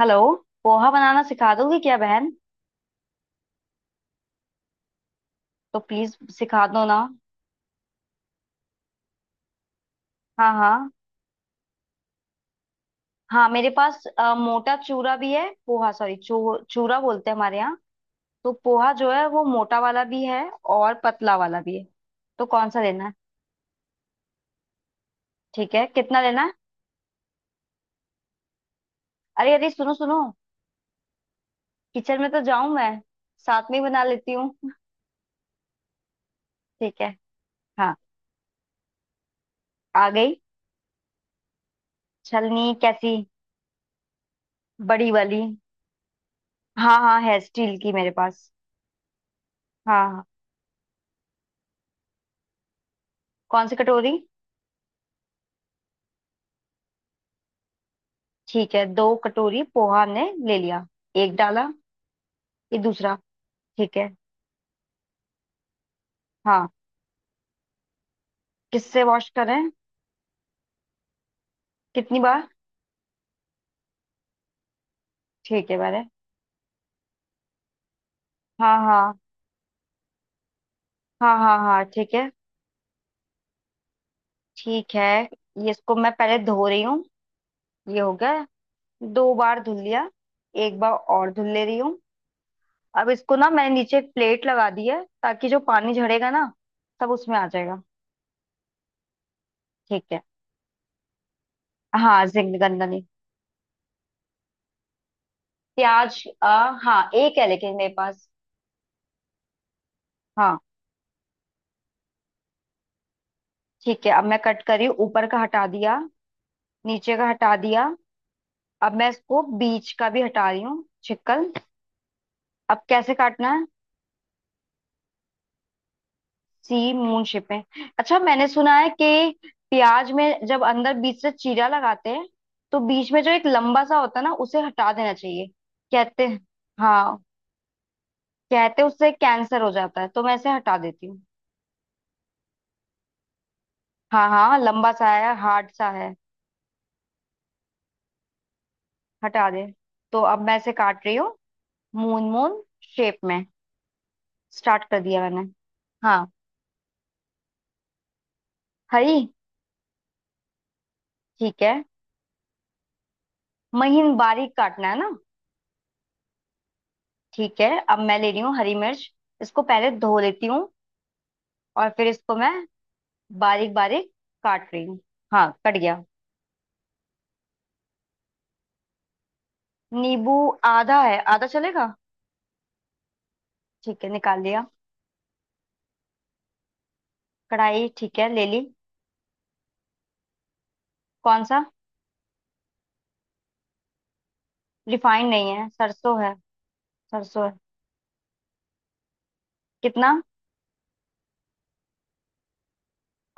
Hello. Poha बनाना सिखा दोगे क्या बहन? तो प्लीज सिखा दो ना। हाँ हाँ। हाँ मेरे पास मोटा चूरा भी है, पोहा, सॉरी, चूरा बोलते हैं हमारे यहाँ। तो पोहा जो है वो मोटा वाला भी है और पतला वाला भी है। तो कौन सा लेना है? ठीक है, कितना लेना है? अरे अरे सुनो सुनो, किचन में तो जाऊं मैं, साथ में ही बना लेती हूँ। ठीक है। हाँ, आ गई। छलनी कैसी? बड़ी वाली? हाँ हाँ, है स्टील की मेरे पास। हाँ हाँ। कौन सी कटोरी? ठीक है, दो कटोरी पोहा हमने ले लिया। एक डाला। ये दूसरा। ठीक है। हाँ। किससे वॉश करें? कितनी बार? ठीक है, मैंने। हाँ हाँ हाँ, हाँ हाँ, ठीक है ठीक है। ये इसको मैं पहले धो रही हूँ। ये हो गया। दो बार धुल लिया। एक बार और धुल ले रही हूँ। अब इसको ना मैंने नीचे एक प्लेट लगा दी है, ताकि जो पानी झड़ेगा ना, सब उसमें आ जाएगा। ठीक है। हाँ, जिंग गंदा नहीं। प्याज, हाँ एक है लेकिन मेरे पास। हाँ, ठीक है। अब मैं कट करी, ऊपर का हटा दिया। नीचे का हटा दिया। अब मैं इसको बीच का भी हटा रही हूँ, छिकल। अब कैसे काटना है? सी मून शेप में। अच्छा मैंने सुना है कि प्याज में जब अंदर बीच से चीरा लगाते हैं, तो बीच में जो एक लंबा सा होता है ना, उसे हटा देना चाहिए, कहते हैं। हाँ। कहते हैं उससे कैंसर हो जाता है, तो मैं इसे हटा देती हूँ। हाँ हाँ, लंबा सा है, हार्ड सा है। हटा दे। तो अब मैं इसे काट रही हूँ, मून मून शेप में। स्टार्ट कर दिया मैंने। हाँ। हरी। ठीक है। महीन बारीक काटना है ना? ठीक है, अब मैं ले रही हूँ हरी मिर्च। इसको पहले धो लेती हूँ। और फिर इसको मैं बारीक बारीक काट रही हूँ। हाँ, कट गया। नींबू? आधा है, आधा चलेगा? ठीक है, निकाल लिया। कढ़ाई? ठीक है, ले ली। कौन सा? रिफाइंड नहीं है, सरसों है। सरसों है। कितना?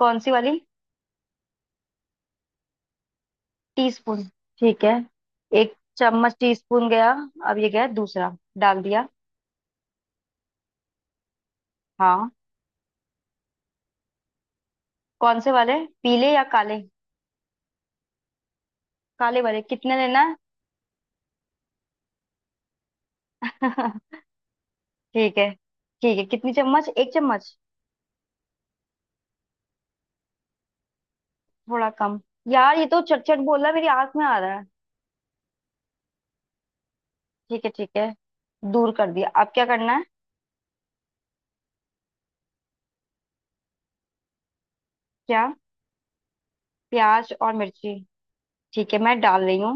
कौन सी वाली? टीस्पून। ठीक है, एक चम्मच टीस्पून गया। अब ये गया दूसरा डाल दिया। हाँ। कौन से वाले? पीले या काले? काले वाले कितने लेना? है। ठीक है। ठीक है, कितनी चम्मच? एक चम्मच? थोड़ा कम। यार ये तो चट चट बोल रहा है, मेरी आंख में आ रहा है। ठीक है ठीक है, दूर कर दिया, अब क्या करना है? क्या? प्याज और मिर्ची? ठीक है, मैं डाल रही हूँ।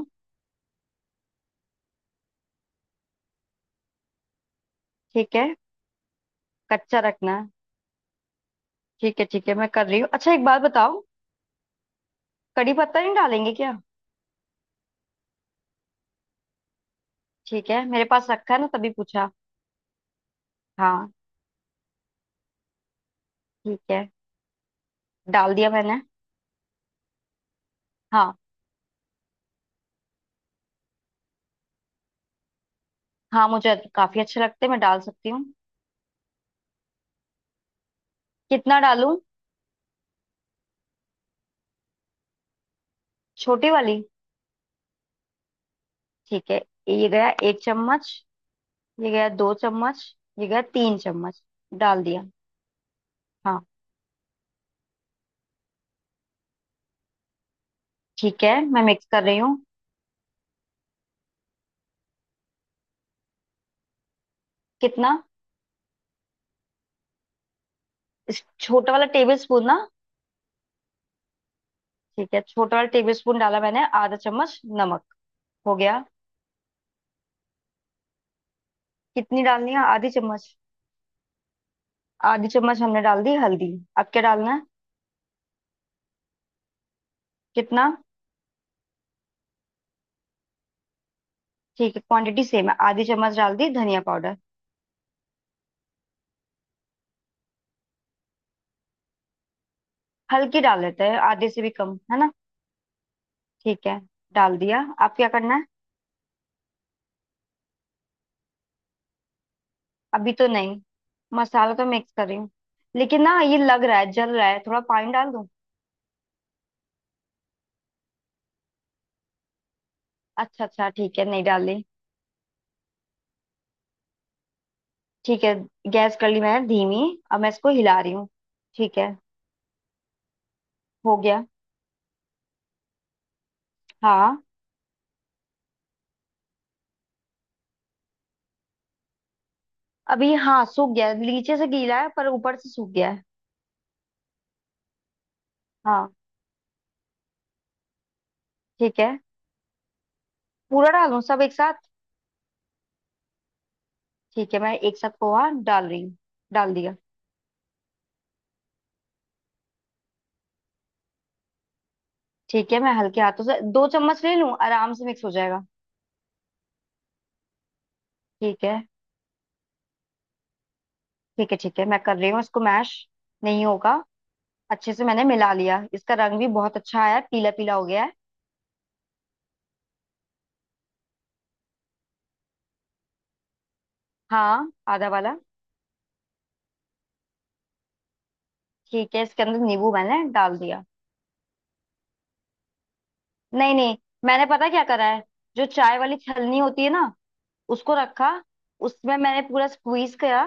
ठीक है। कच्चा रखना है। ठीक है ठीक है, मैं कर रही हूँ। अच्छा एक बात बताओ, कड़ी पत्ता नहीं डालेंगे क्या? ठीक है, मेरे पास रखा है ना तभी पूछा। हाँ, ठीक है। डाल दिया मैंने। हाँ। हाँ मुझे काफी अच्छे लगते हैं, मैं डाल सकती हूँ। कितना डालूं? छोटी वाली? ठीक है, ये गया एक चम्मच। ये गया दो चम्मच। ये गया तीन चम्मच। डाल दिया। हाँ। ठीक है, मैं मिक्स कर रही हूँ। कितना? इस छोटा वाला टेबल स्पून ना? ठीक है, छोटा वाला टेबल स्पून डाला मैंने आधा चम्मच नमक। हो गया। कितनी डालनी है, आधी चम्मच? आधी चम्मच हमने डाल दी हल्दी। अब क्या डालना है? कितना? ठीक है, क्वांटिटी सेम है, आधी चम्मच डाल दी धनिया पाउडर। हल्की डाल लेते हैं, आधे से भी कम है ना? ठीक है, डाल दिया, अब क्या करना है? अभी तो नहीं। मसाला तो मिक्स कर रही हूँ, लेकिन ना ये लग रहा है जल रहा है, थोड़ा पानी डाल दूं? अच्छा अच्छा, ठीक है, नहीं डाली। ठीक है, गैस कर ली मैंने धीमी, अब मैं इसको हिला रही हूँ। ठीक है। हो गया। हाँ। अभी, हाँ सूख गया, नीचे से गीला है पर ऊपर से सूख गया है। हाँ। ठीक है। पूरा डालूं सब एक साथ? ठीक है, मैं एक साथ पोहा डाल रही हूँ। डाल दिया। ठीक है मैं हल्के हाथों से दो चम्मच ले लूं, आराम से मिक्स हो जाएगा। ठीक है। ठीक है ठीक है मैं कर रही हूँ, इसको मैश नहीं होगा। अच्छे से मैंने मिला लिया, इसका रंग भी बहुत अच्छा आया, पीला पीला हो गया है। हाँ आधा वाला। ठीक है, इसके अंदर नींबू मैंने डाल दिया। नहीं नहीं। मैंने पता क्या करा है, जो चाय वाली छलनी होती है ना, उसको रखा, उसमें मैंने पूरा स्क्वीज करा,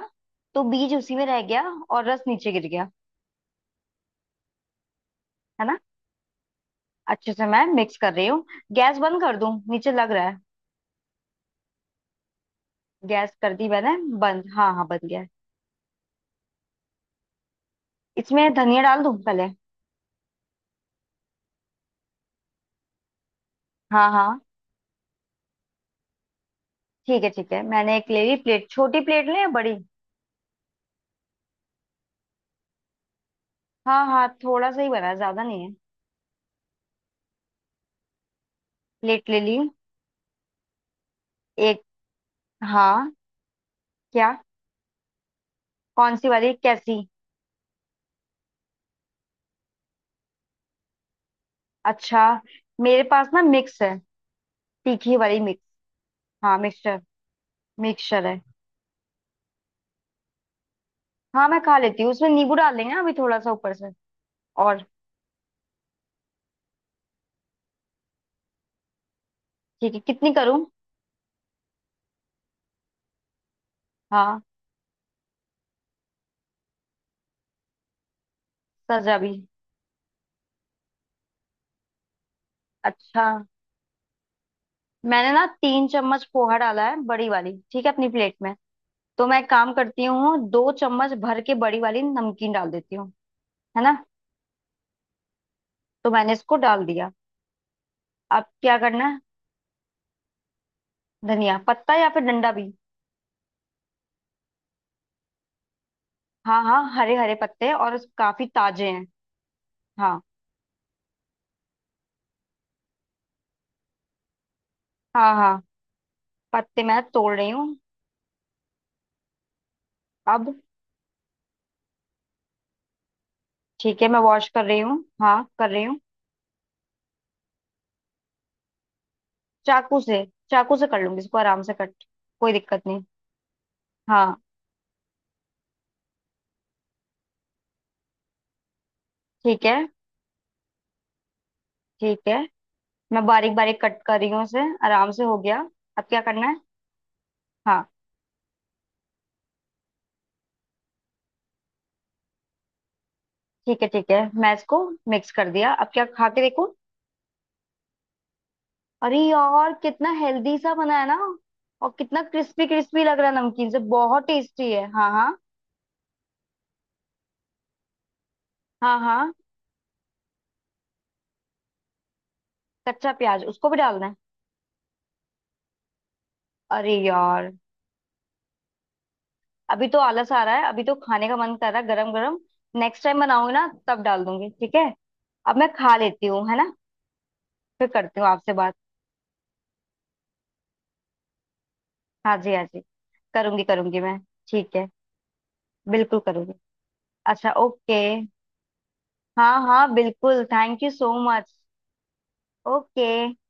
तो बीज उसी में रह गया और रस नीचे गिर गया। है ना? अच्छे से मैं मिक्स कर रही हूँ। गैस बंद कर दूं, नीचे लग रहा है। गैस कर दी मैंने बंद। हाँ हाँ, बन गया है। इसमें धनिया डाल दूं पहले? हाँ हाँ। ठीक है ठीक है, मैंने एक ले ली प्लेट, छोटी प्लेट ले या बड़ी? हाँ हाँ, थोड़ा सा ही बना है, ज्यादा नहीं है। प्लेट ले ली। एक। हाँ। क्या? कौन सी वाली, कैसी? अच्छा, मेरे पास ना मिक्स है। तीखी वाली मिक्स। हाँ, मिक्सचर। मिक्सचर है। हाँ मैं खा लेती हूँ, उसमें नींबू डाल देंगे ना अभी थोड़ा सा ऊपर से। और? ठीक है, कितनी करूँ? हाँ, सजा भी। अच्छा। मैंने ना तीन चम्मच पोहा डाला है बड़ी वाली, ठीक है, अपनी प्लेट में। तो मैं एक काम करती हूँ, दो चम्मच भर के बड़ी वाली नमकीन डाल देती हूँ। है ना? तो मैंने इसको डाल दिया। अब क्या करना है? धनिया पत्ता या फिर डंडा भी? हाँ हाँ, हरे हरे पत्ते हैं और काफी ताजे हैं। हाँ। हाँ हाँ। पत्ते मैं तोड़ रही हूँ। अब? ठीक है, मैं वॉश कर रही हूँ, हाँ कर रही हूँ। चाकू से। चाकू से कर लूंगी इसको, आराम से कट, कोई दिक्कत नहीं। हाँ। ठीक है ठीक है, मैं बारीक बारीक कट कर रही हूँ उसे, आराम से हो गया। अब क्या करना है? हाँ। ठीक है ठीक है, मैं इसको मिक्स कर दिया, अब क्या खा के देखूँ? अरे यार कितना हेल्दी सा बना है ना! और कितना क्रिस्पी क्रिस्पी लग रहा है, नमकीन से बहुत टेस्टी है। हाँ हाँ। हाँ हाँ, कच्चा प्याज उसको भी डालना है? अरे यार, अभी तो आलस आ रहा है, अभी तो खाने का मन कर रहा है गरम गरम। नेक्स्ट टाइम बनाऊंगी ना तब डाल दूंगी, ठीक है? अब मैं खा लेती हूँ, है ना? फिर करती हूँ आपसे बात। हाँ जी, हाँ जी, करूंगी करूंगी मैं। ठीक है, बिल्कुल करूंगी। अच्छा, ओके। हाँ हाँ, बिल्कुल, thank you so much. Okay.